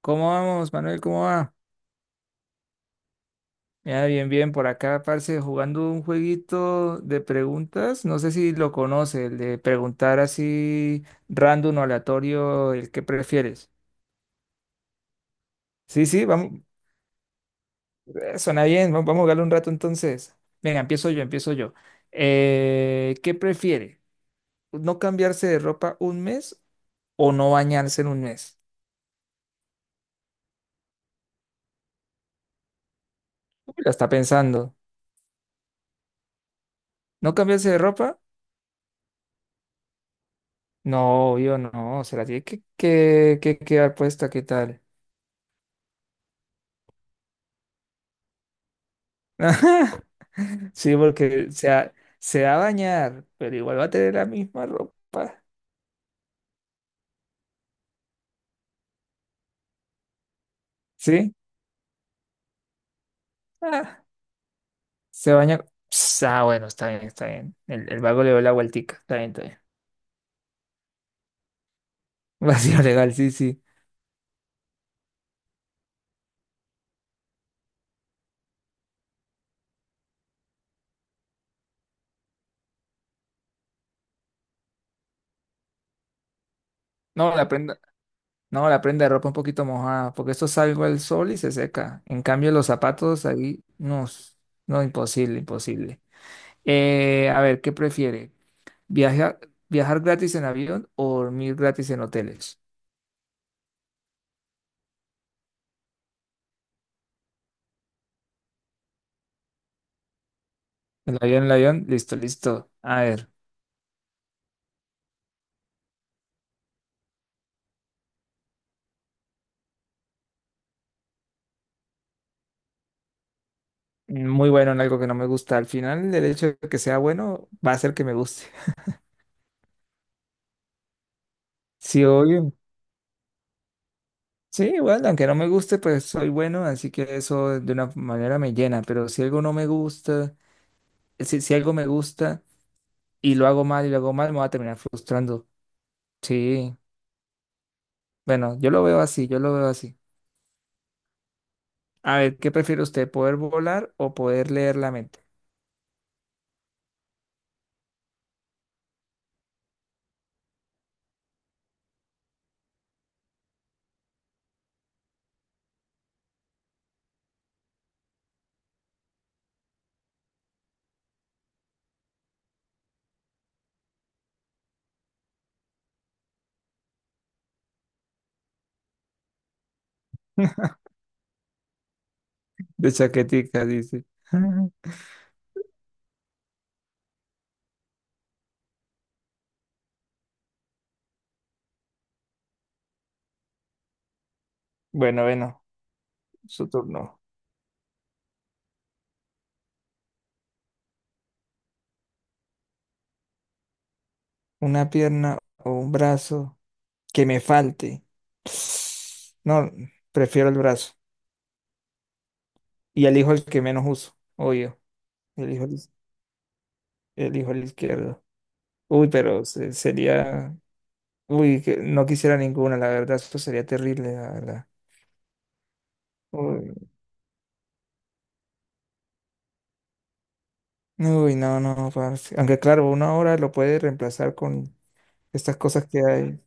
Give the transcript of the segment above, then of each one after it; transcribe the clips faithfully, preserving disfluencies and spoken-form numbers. ¿Cómo vamos, Manuel? ¿Cómo va? Ya, bien, bien, por acá, parce, jugando un jueguito de preguntas. No sé si lo conoce, el de preguntar así random o aleatorio, el que prefieres. Sí, sí, vamos, eh, suena bien, va- vamos a jugarlo un rato entonces. Venga, empiezo yo, empiezo yo. Eh, ¿qué prefiere? ¿No cambiarse de ropa un mes o no bañarse en un mes? Uy, la está pensando. ¿No cambiarse de ropa? No, yo no, se la tiene que, que, que quedar puesta, ¿qué tal? Ajá. Sí, porque se va, se va a bañar, pero igual va a tener la misma ropa. ¿Sí? Ah, se baña. Ps, ah, bueno, está bien, está bien. El, el vago le dio la vueltica. Está bien, está bien. Vacío legal, sí, sí. No, la prenda, no, la prenda de ropa un poquito mojada, porque esto salgo al sol y se seca. En cambio, los zapatos ahí, no, s- no, imposible, imposible. Eh, a ver, ¿qué prefiere? ¿Viajar, ¿viajar gratis en avión o dormir gratis en hoteles? El avión, el avión, listo, listo. A ver, muy bueno en algo que no me gusta. Al final, el hecho de que sea bueno va a hacer que me guste. Sí, obvio. Sí, bueno, aunque no me guste, pues soy bueno, así que eso de una manera me llena. Pero si algo no me gusta, si, si algo me gusta y lo hago mal y lo hago mal, me va a terminar frustrando. Sí, bueno, yo lo veo así, yo lo veo así. A ver, ¿qué prefiere usted, poder volar o poder leer la mente? De chaquetica, dice. Bueno, bueno, su turno. Una pierna o un brazo que me falte. No, prefiero el brazo. Y elijo el que menos uso, obvio. Elijo el, elijo el izquierdo. Uy, pero se- sería... Uy, que no quisiera ninguna, la verdad, esto sería terrible, la verdad. Uy, uy, no, no, parce. Aunque claro, una hora lo puede reemplazar con estas cosas que hay.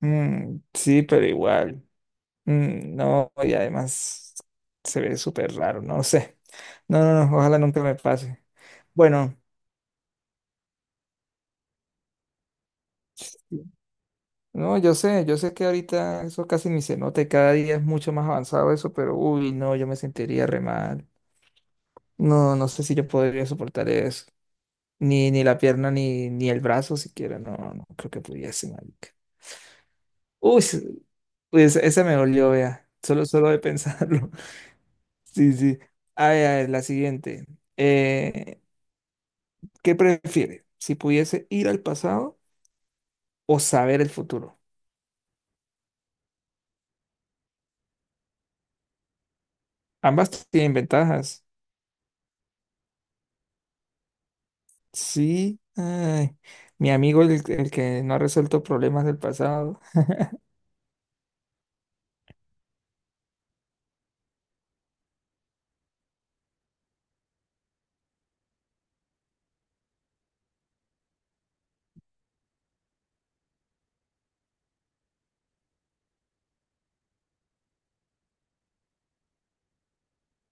Mm, sí, pero igual. Mm, no, y además se ve súper raro, no sé. No, no, no, ojalá nunca me pase. Bueno, no, yo sé, yo sé que ahorita eso casi ni se nota y cada día es mucho más avanzado eso, pero uy, no, yo me sentiría re mal. No, no sé si yo podría soportar eso. Ni, ni la pierna, ni, ni el brazo siquiera, no, no creo que pudiese, marica. Uy, sí, uy, esa esa me dolió, vea, solo, solo de pensarlo. Sí, sí. A ver, a ver, la siguiente. Eh, ¿Qué prefiere? Si pudiese ir al pasado o saber el futuro. Ambas tienen ventajas. Sí, ay, mi amigo, el, el que no ha resuelto problemas del pasado.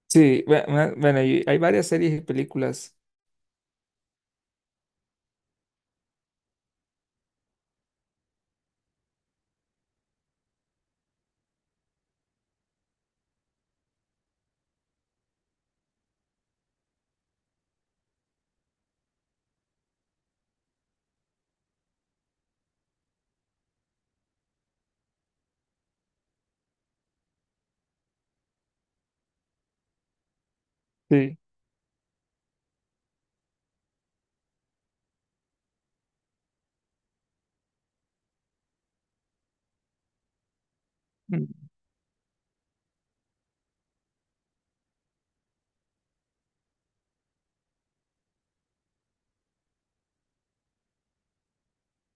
Sí, bue- bue- bueno, y hay varias series y películas. Sí.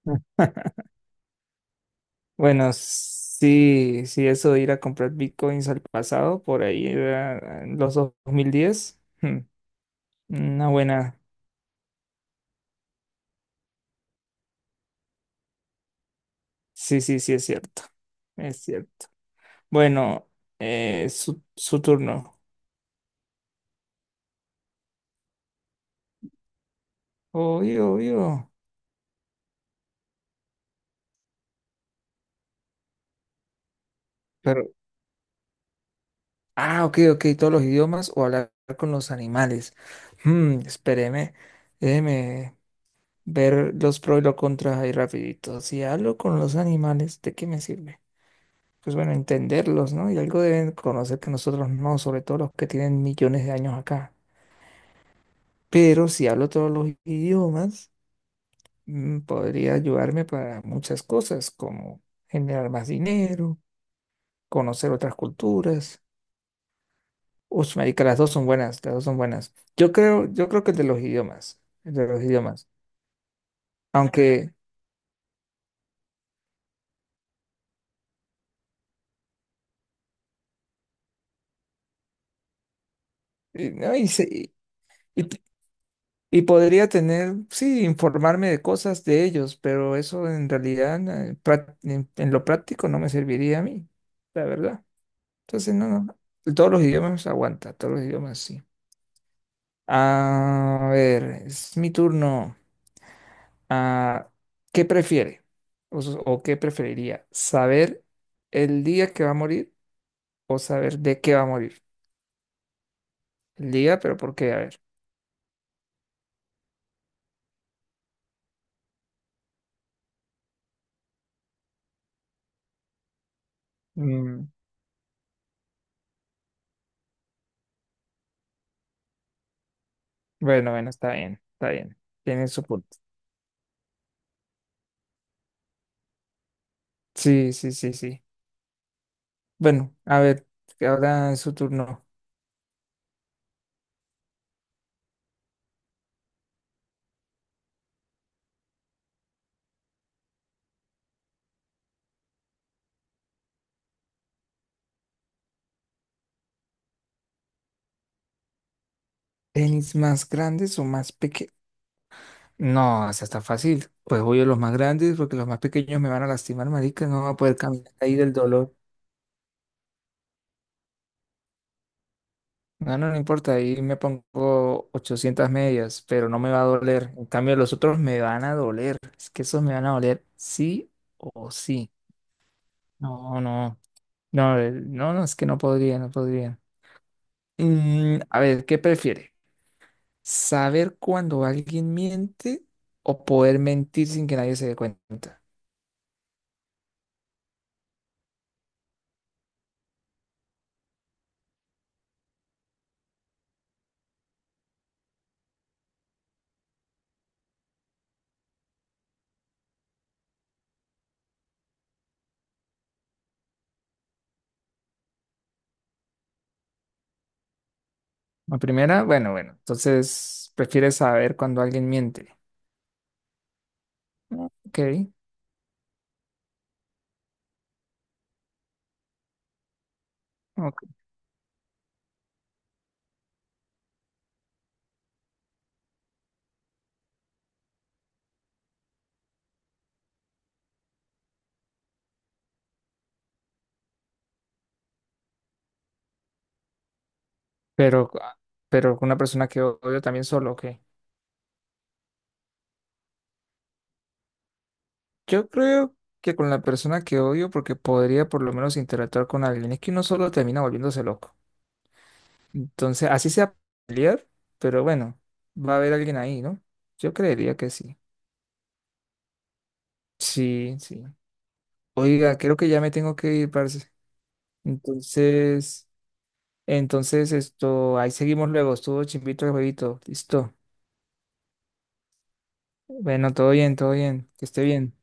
Mm. Bueno, sí, sí, eso de ir a comprar bitcoins al pasado, por ahí era en los dos mil diez. Hmm, una buena. Sí, sí, sí, es cierto. Es cierto. Bueno, eh, su, su turno. Obvio, obvio. Pero, ah, ok, ok, todos los idiomas o hablar con los animales. Hmm, espéreme, déjeme ver los pros y los contras ahí rapidito. Si hablo con los animales, ¿de qué me sirve? Pues bueno, entenderlos, ¿no? Y algo deben conocer que nosotros no, sobre todo los que tienen millones de años acá. Pero si hablo todos los idiomas, mm, podría ayudarme para muchas cosas, como generar más dinero, conocer otras culturas. Uf, marica, las dos son buenas, las dos son buenas. Yo creo, yo creo que el de los idiomas, el de los idiomas. Aunque, y, no, y, se- y- y- y podría tener, sí, informarme de cosas de ellos, pero eso en realidad eh, prá- en, en lo práctico no me serviría a mí, la verdad. Entonces, no, no, todos los idiomas aguanta, todos los idiomas sí. A ver, es mi turno. Ah, ¿qué prefiere? o s- o ¿qué preferiría? ¿Saber el día que va a morir o saber de qué va a morir? El día, pero ¿por qué? A ver. Mm, bueno, bueno, está bien, está bien. Tiene su punto. Sí, sí, sí, sí. Bueno, a ver, que ahora es su turno. ¿Tenis más grandes o más pequeños? No, esa está fácil. Pues voy a los más grandes porque los más pequeños me van a lastimar, marica, no voy a poder caminar ahí del dolor. No, no, no importa, ahí me pongo ochocientas medias, pero no me va a doler. En cambio, los otros me van a doler. Es que esos me van a doler sí o sí. No, no. No, eh, no, no, es que no podría, no podría. Mm, a ver, ¿qué prefiere? ¿Saber cuando alguien miente o poder mentir sin que nadie se dé cuenta? La primera, bueno, bueno, entonces prefiere saber cuando alguien miente. Ah, ok, ok. Pero, ah, pero con una persona que odio también solo, ok. Yo creo que con la persona que odio porque podría por lo menos interactuar con alguien. Es que uno solo termina volviéndose loco. Entonces, así sea pelear, pero bueno, va a haber alguien ahí, ¿no? Yo creería que sí. Sí, sí. Oiga, creo que ya me tengo que ir, parce. Entonces, entonces esto, ahí seguimos luego. Estuvo chimbito el jueguito. Listo. Bueno, todo bien, todo bien. Que esté bien.